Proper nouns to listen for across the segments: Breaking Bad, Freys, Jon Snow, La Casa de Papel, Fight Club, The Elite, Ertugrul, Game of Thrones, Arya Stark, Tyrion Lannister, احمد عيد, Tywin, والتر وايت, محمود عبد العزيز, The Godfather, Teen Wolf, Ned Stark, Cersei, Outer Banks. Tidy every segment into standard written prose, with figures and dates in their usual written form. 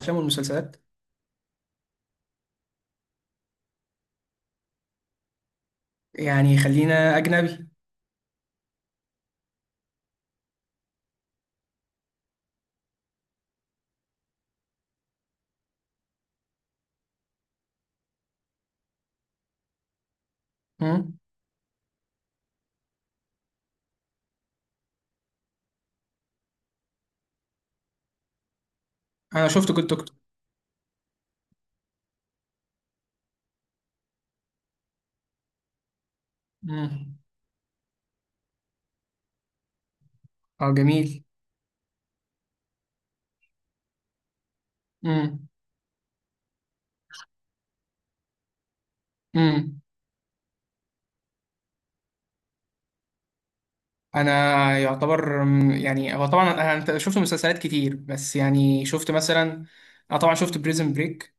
الافلام والمسلسلات، يعني خلينا اجنبي. مم. انا شفت جود دكتور. مم. اه، جميل. مم. مم. انا يعتبر، يعني هو طبعا انا، أنت شفت مسلسلات كتير، بس يعني شفت مثلا انا طبعا شفت بريزن بريك.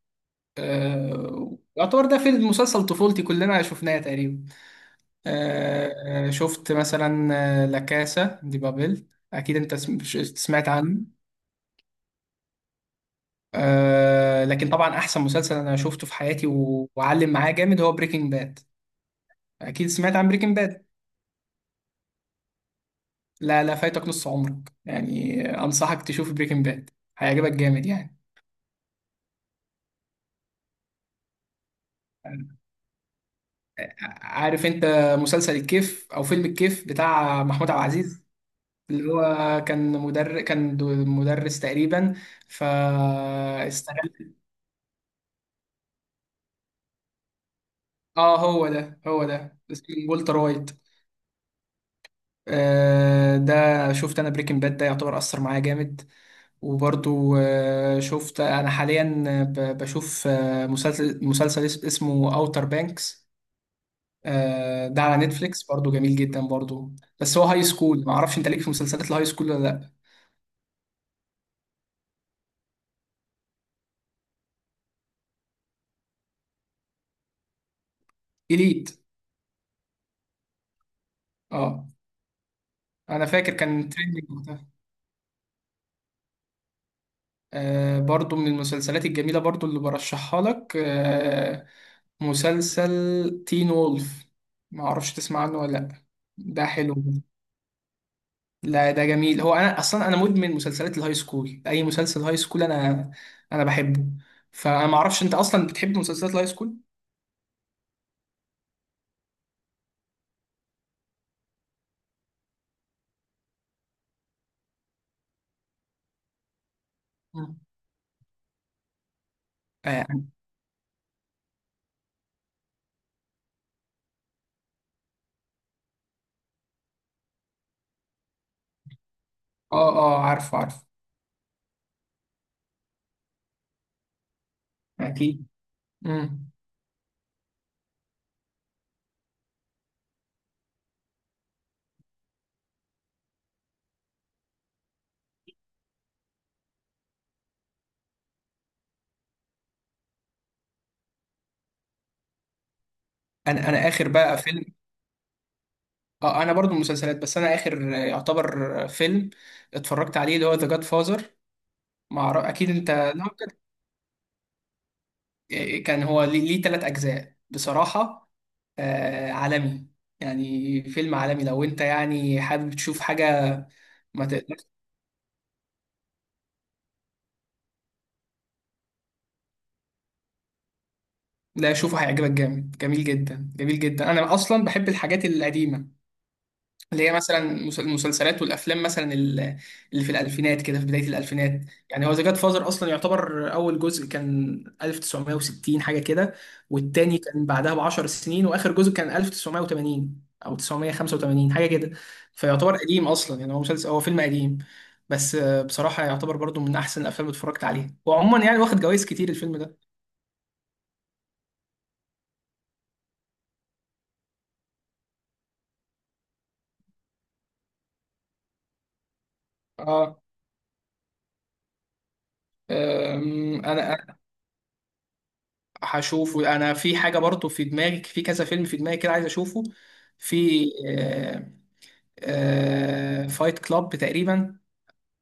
يعتبر ده فيلم مسلسل طفولتي، كلنا شفناه تقريبا. شفت مثلا لا كاسا دي بابل، اكيد انت سمعت عنه. لكن طبعا احسن مسلسل انا شفته في حياتي و- وعلم معايا جامد هو بريكنج باد، اكيد سمعت عن بريكنج باد. لا، لا، فايتك نص عمرك، يعني انصحك تشوف بريكنج باد، هيعجبك جامد يعني. عارف انت مسلسل الكيف او فيلم الكيف بتاع محمود عبد العزيز، اللي هو كان مدرس، مدرس تقريبا، فاستغل. اه، هو ده، هو ده اسمه والتر وايت. ده شفت انا بريكنج باد، ده يعتبر اثر معايا جامد. وبرضو شفت انا حاليا، بشوف مسلسل اسمه اوتر بانكس، ده على نتفليكس برضو، جميل جدا برضو. بس هو هاي سكول، ما اعرفش انت ليك في مسلسلات الهاي سكول ولا لا. اليت. اه، انا فاكر كان تريندينج وقتها. برضو من المسلسلات الجميلة برضو اللي برشحها لك، مسلسل تين وولف، ما اعرفش تسمع عنه ولا لا. ده حلو، لا ده جميل، هو انا اصلا انا مدمن مسلسلات الهاي سكول، اي مسلسل هاي سكول انا بحبه. فانا ما اعرفش انت اصلا بتحب مسلسلات الهاي سكول. مم. اه، يعني اه، عارفه عارفه. اكيد. مم. انا اخر بقى فيلم. اه، انا برضو مسلسلات، بس انا اخر يعتبر فيلم اتفرجت عليه اللي هو ذا جاد فازر. مع اكيد انت لا، كان هو ليه تلات اجزاء بصراحة. آه، عالمي، يعني فيلم عالمي لو انت يعني حابب تشوف حاجة. ما ت... لا، شوفه، هيعجبك جامد، جميل جدا جميل جدا. انا اصلا بحب الحاجات القديمه، اللي هي مثلا المسلسلات والافلام، مثلا اللي في الالفينات كده، في بدايه الالفينات. يعني هو ذا جاد فازر اصلا يعتبر اول جزء كان 1960 حاجه كده، والتاني كان بعدها ب 10 سنين، واخر جزء كان 1980 او 985 حاجه كده، فيعتبر قديم اصلا، يعني هو مسلسل، هو فيلم قديم، بس بصراحه يعتبر برضو من احسن الافلام اللي اتفرجت عليها، وعموما يعني واخد جوائز كتير الفيلم ده. اه، انا هشوفه. انا في حاجه برضو في دماغي، في كذا فيلم في دماغي كده عايز اشوفه، في فايت كلاب تقريبا،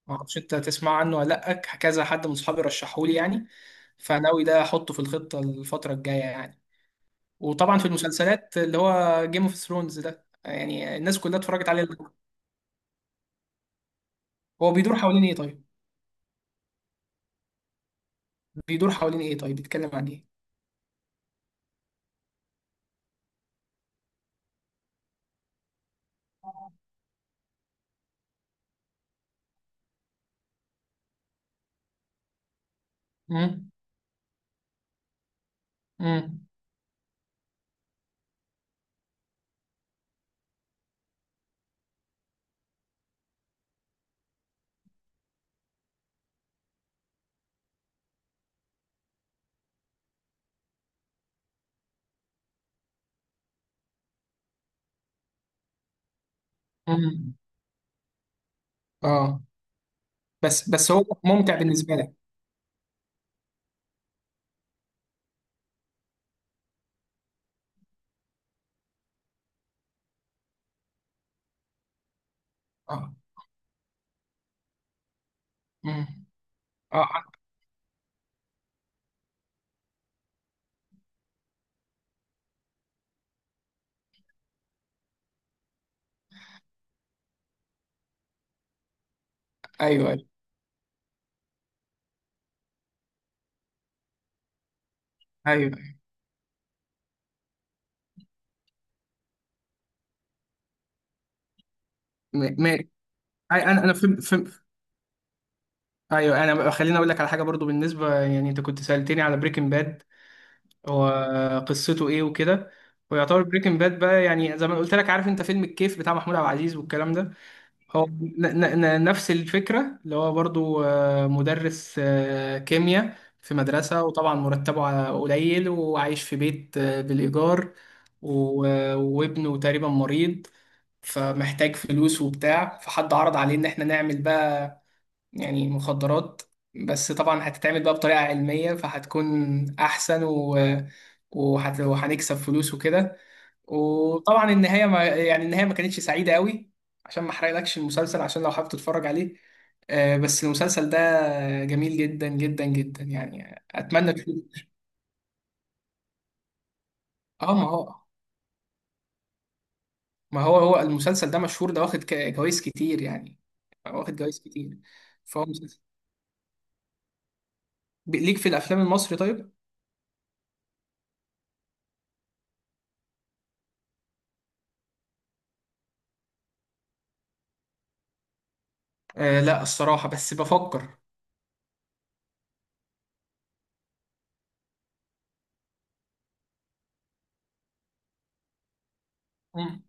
ما اعرفش انت تسمع عنه ولا لا، كذا حد من اصحابي رشحهولي يعني، فناوي ده احطه في الخطه الفتره الجايه يعني. وطبعا في المسلسلات اللي هو جيم اوف ثرونز ده، يعني الناس كلها اتفرجت عليه. هو بيدور حوالين ايه طيب؟ بيدور حوالين ايه طيب؟ بيتكلم عن ايه؟ امم. امم. امم. اه. بس هو ممتع بالنسبه لك؟ اه. امم. اه. ايوه، ايوه، ايوه. ماشي. انا فهمت فهمت. ايوه، انا خليني اقول لك على حاجه برضو، بالنسبه يعني انت كنت سالتني على بريكنج باد، هو قصته ايه وكده. ويعتبر بريكنج باد بقى، يعني زي ما قلت لك، عارف انت فيلم الكيف بتاع محمود عبد العزيز والكلام ده، هو نفس الفكرة، اللي هو برضو مدرس كيمياء في مدرسة، وطبعا مرتبه قليل، وعايش في بيت بالإيجار، و- وابنه تقريبا مريض، فمحتاج فلوس وبتاع، فحد عرض عليه إن احنا نعمل يعني مخدرات، بس طبعا هتتعمل بقى بطريقة علمية فهتكون أحسن وهنكسب فلوس وكده. وطبعا النهاية ما... يعني النهاية ما كانتش سعيدة قوي، عشان ما أحرقلكش المسلسل، عشان لو حابب تتفرج عليه. بس المسلسل ده جميل جدا جدا جدا، يعني أتمنى تشوف. اه، ما هو هو المسلسل ده مشهور، ده واخد جوايز كتير يعني، واخد جوايز كتير، فهو مسلسل. ليك في الأفلام المصري طيب؟ آه لا، الصراحة بس بفكر. مم.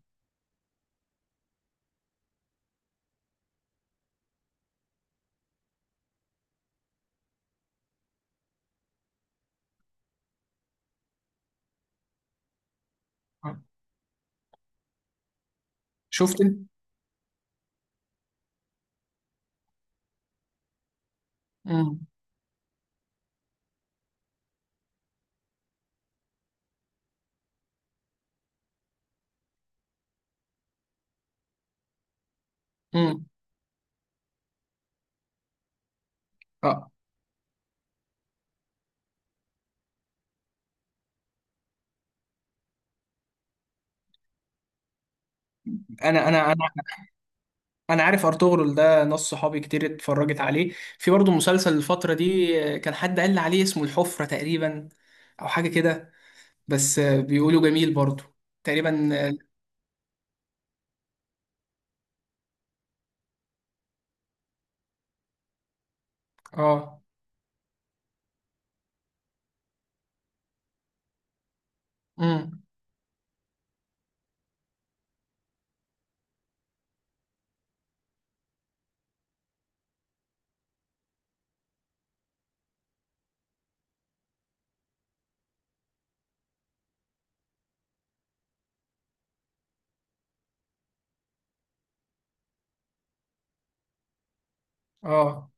مم. شفت انت. مم. مم. اه، انا انا انا انا عارف ارطغرل ده، ناس صحابي كتير اتفرجت عليه، في برضه مسلسل الفتره دي كان حد قال لي عليه اسمه الحفره تقريبا، او حاجه كده، بس بيقولوا جميل برضه. تقريبا اه. اه. مم. اه،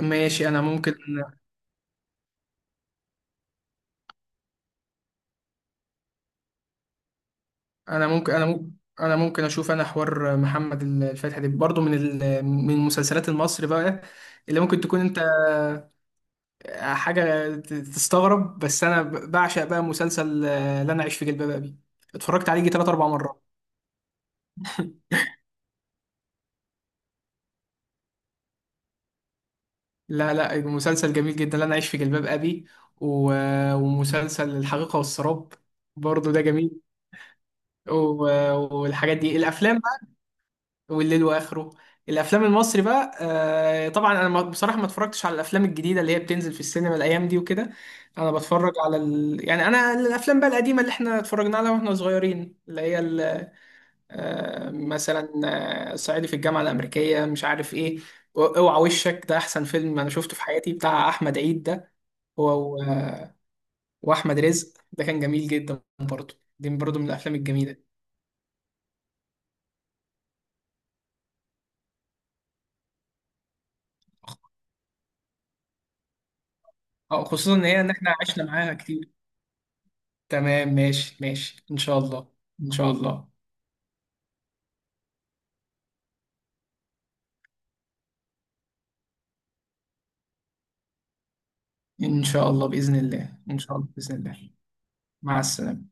ماشي. انا ممكن انا ممكن انا ممكن اشوف انا حوار محمد الفاتح ده برضه. من من مسلسلات المصري بقى اللي ممكن تكون انت حاجة تستغرب، بس أنا بعشق بقى مسلسل لا أنا أعيش في جلباب أبي، اتفرجت عليه يجي تلات أربع مرات. لا، لا، مسلسل جميل جدا لا أنا أعيش في جلباب أبي، و- ومسلسل الحقيقة والسراب برضه ده جميل، و- والحاجات دي الأفلام بقى، والليل وآخره. الأفلام المصري بقى، طبعا أنا بصراحة ما اتفرجتش على الأفلام الجديدة اللي هي بتنزل في السينما الأيام دي وكده. أنا بتفرج على يعني أنا الأفلام بقى القديمة اللي إحنا اتفرجنا عليها وإحنا صغيرين، مثلا صعيدي في الجامعه الامريكيه، مش عارف ايه، اوعى وشك، ده احسن فيلم انا شفته في حياتي بتاع احمد عيد ده، هو و- واحمد رزق ده كان جميل جدا برضه، دي برضه من الافلام الجميله. خصوصا ان هي ان احنا عشنا معاها كتير. تمام، ماشي ماشي ان شاء الله. ان شاء الله. ان شاء الله باذن الله، ان شاء الله باذن الله. مع السلامه.